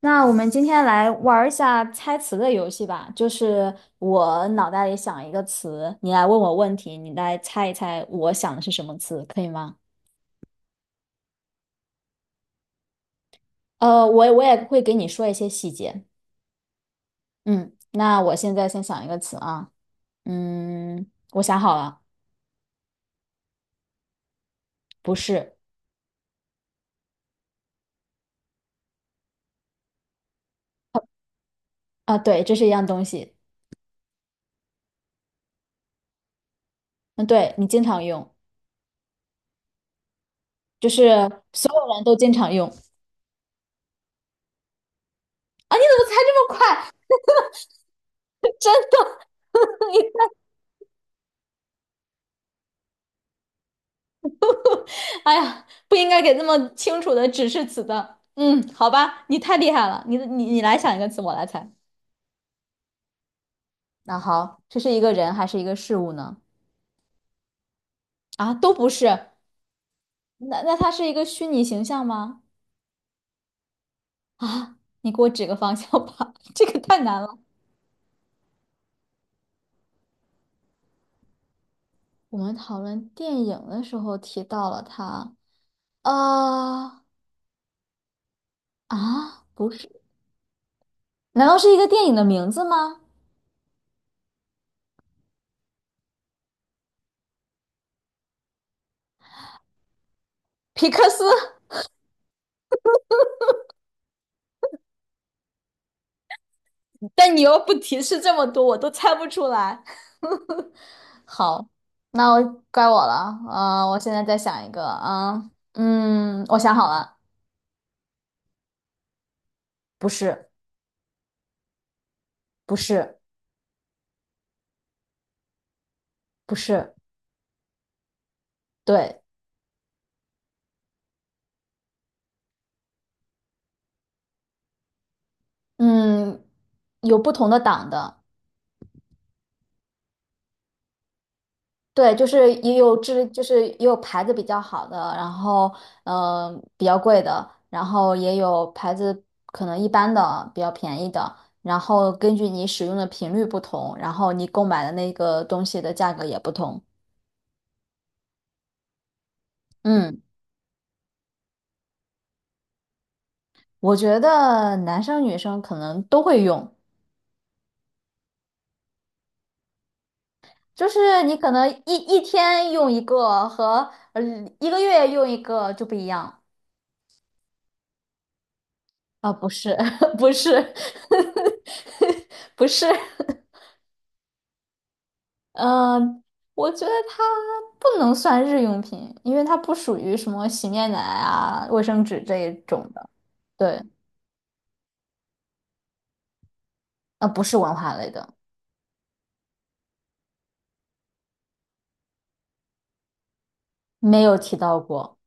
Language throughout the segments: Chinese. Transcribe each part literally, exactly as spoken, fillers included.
那我们今天来玩儿一下猜词的游戏吧，就是我脑袋里想一个词，你来问我问题，你来猜一猜我想的是什么词，可以吗？呃，我我也会给你说一些细节。嗯，那我现在先想一个词啊，嗯，我想好了，不是啊，对，这是一样东西。嗯，对，你经常用，就是所有人都经常用啊，你怎么猜这么快？真的，你。哎呀，不应该给这么清楚的指示词的。嗯，好吧，你太厉害了，你你你来想一个词，我来猜。那好，这是一个人还是一个事物呢？啊，都不是。那那它是一个虚拟形象吗？啊，你给我指个方向吧，这个太难了。我们讨论电影的时候提到了它。呃，啊，不是，难道是一个电影的名字吗？皮克斯。但你又不提示这么多，我都猜不出来。好，那我怪我了。啊，我现在再想一个啊，嗯，我想好了，不是，不是，不是，对，嗯，有不同的党的，对，就是也有质，就是也有牌子比较好的，然后嗯、呃比较贵的，然后也有牌子可能一般的，比较便宜的，然后根据你使用的频率不同，然后你购买的那个东西的价格也不同。嗯，我觉得男生女生可能都会用，就是你可能一一天用一个和呃一个月用一个就不一样啊，不是，不是，不是。嗯，我觉得它不能算日用品，因为它不属于什么洗面奶啊、卫生纸这一种的。对，呃，不是文化类的，没有提到过。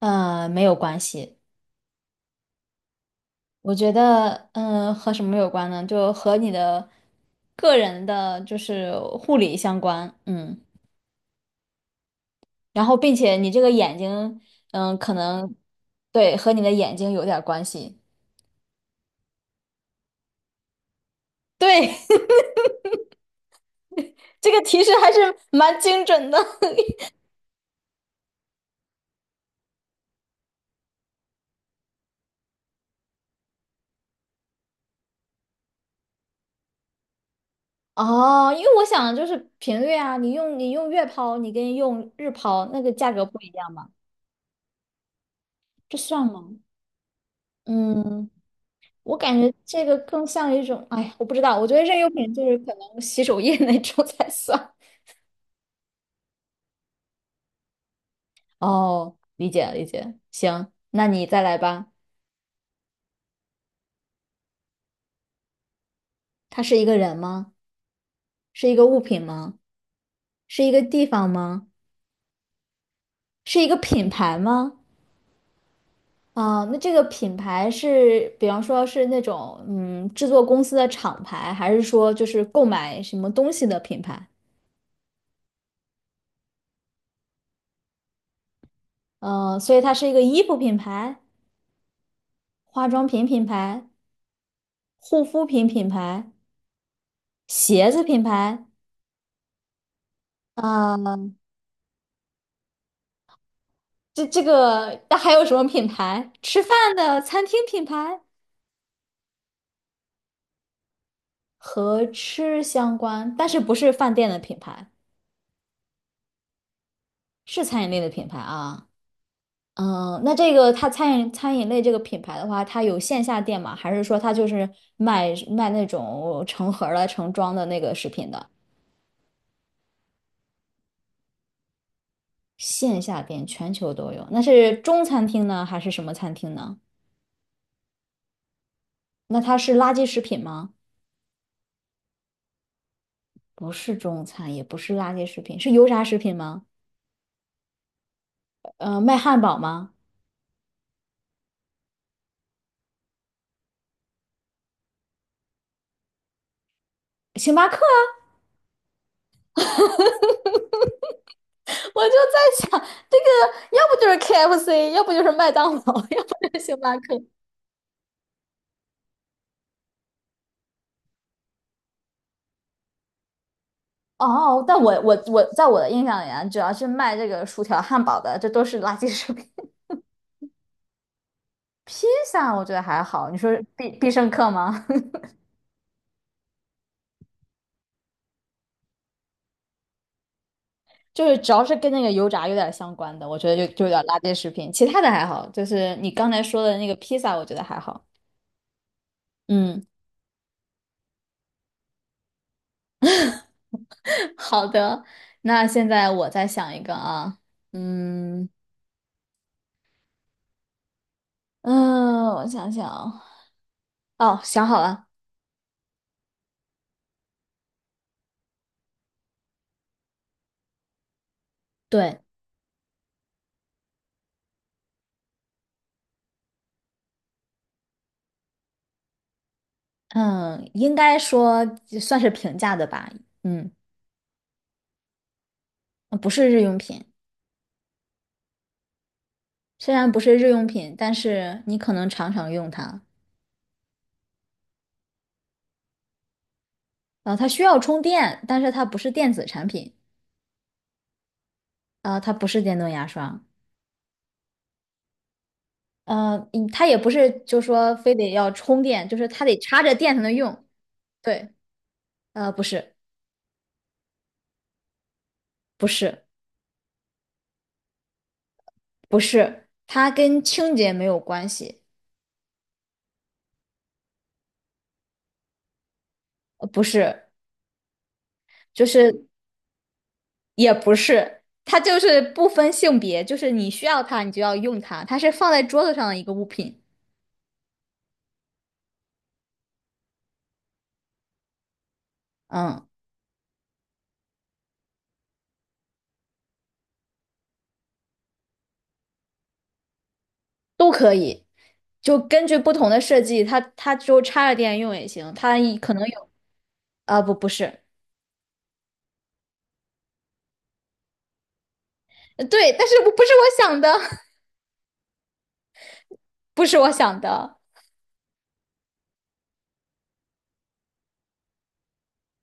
嗯，没有关系。我觉得，嗯，和什么有关呢？就和你的个人的，就是护理相关。嗯，然后并且你这个眼睛，嗯，可能对和你的眼睛有点儿关系。对，这个提示还是蛮精准的。哦，因为我想的就是频率啊，你用你用月抛，你跟用日抛那个价格不一样嘛，这算吗？嗯，我感觉这个更像一种，哎呀，我不知道，我觉得日用品就是可能洗手液那种才算。哦，理解理解，行，那你再来吧。它是一个人吗？是一个物品吗？是一个地方吗？是一个品牌吗？啊，那这个品牌是，比方说是那种嗯制作公司的厂牌，还是说就是购买什么东西的品牌？呃，所以它是一个衣服品牌、化妆品品牌、护肤品品牌、鞋子品牌，啊，这这个那还有什么品牌？吃饭的餐厅品牌和吃相关，但是不是饭店的品牌，是餐饮类的品牌啊。嗯，那这个它餐饮餐饮类这个品牌的话，它有线下店吗？还是说它就是卖卖那种成盒儿的、成装的那个食品的？线下店全球都有，那是中餐厅呢，还是什么餐厅呢？那它是垃圾食品吗？不是中餐，也不是垃圾食品，是油炸食品吗？呃，卖汉堡吗？星巴克啊 我就在想，这个要不就是 K F C，要不就是麦当劳，要不就是星巴克。哦，但我我我在我的印象里啊，只要是卖这个薯条、汉堡的，这都是垃圾食品。披萨我觉得还好，你说是必必胜客吗？就是只要是跟那个油炸有点相关的，我觉得就就有点垃圾食品。其他的还好，就是你刚才说的那个披萨，我觉得还好。嗯，好的，那现在我再想一个啊，嗯嗯，我想想啊，哦，想好了，对，嗯，应该说算是平价的吧，嗯，不是日用品。虽然不是日用品，但是你可能常常用它。呃，它需要充电，但是它不是电子产品。啊，它不是电动牙刷。呃，嗯它也不是就说非得要充电，就是它得插着电才能用。对，呃，不是，不是，不是，它跟清洁没有关系。呃，不是，就是也不是，它就是不分性别，就是你需要它，你就要用它。它是放在桌子上的一个物品。嗯。都可以，就根据不同的设计，它它就插着电用也行，它一可能有啊、不不是，呃对，但是我不是我想的，不是我想的。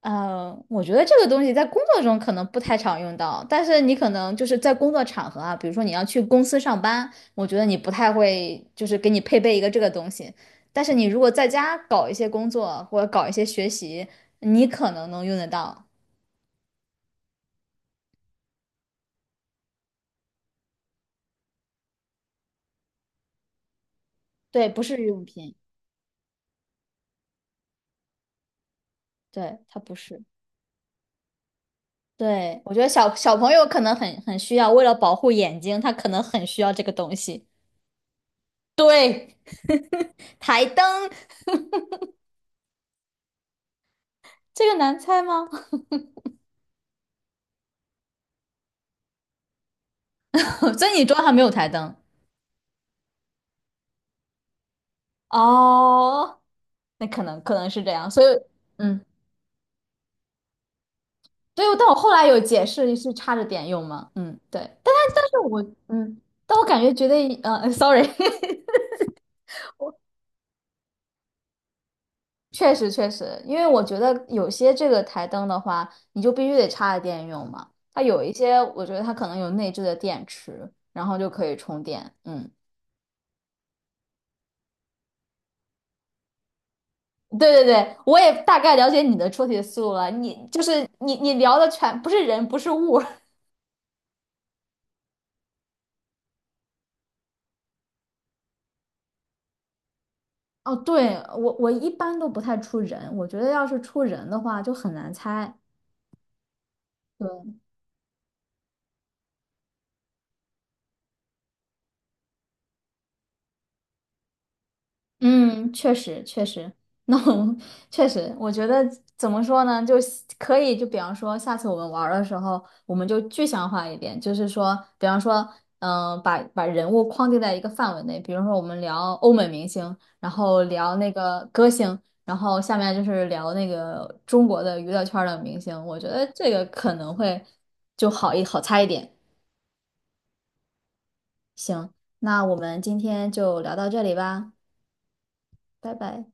呃，我觉得这个东西在工作中可能不太常用到，但是你可能就是在工作场合啊，比如说你要去公司上班，我觉得你不太会就是给你配备一个这个东西。但是你如果在家搞一些工作或者搞一些学习，你可能能用得到。对，不是日用品，对，它不是。对，我觉得小小朋友可能很很需要，为了保护眼睛，他可能很需要这个东西。对，台灯，这个难猜吗？所以你桌上没有台灯哦，那可能可能是这样，所以嗯，对，但我后来有解释是插着点用嘛，嗯，对，但他但是我嗯，但我感觉觉得呃，sorry，确实确实，因为我觉得有些这个台灯的话，你就必须得插着电用嘛。它有一些，我觉得它可能有内置的电池，然后就可以充电。嗯，对对对，我也大概了解你的出题思路了。你就是你你聊的全不是人，不是物。哦，对，我我一般都不太出人，我觉得要是出人的话就很难猜。对嗯，确实确实，那我们确实，我觉得怎么说呢，就希可以，就比方说，下次我们玩儿的时候，我们就具象化一点，就是说，比方说，嗯、把把人物框定在一个范围内，比如说我们聊欧美明星，然后聊那个歌星，然后下面就是聊那个中国的娱乐圈儿的明星，我觉得这个可能会就好一好猜一点。行，那我们今天就聊到这里吧，拜拜。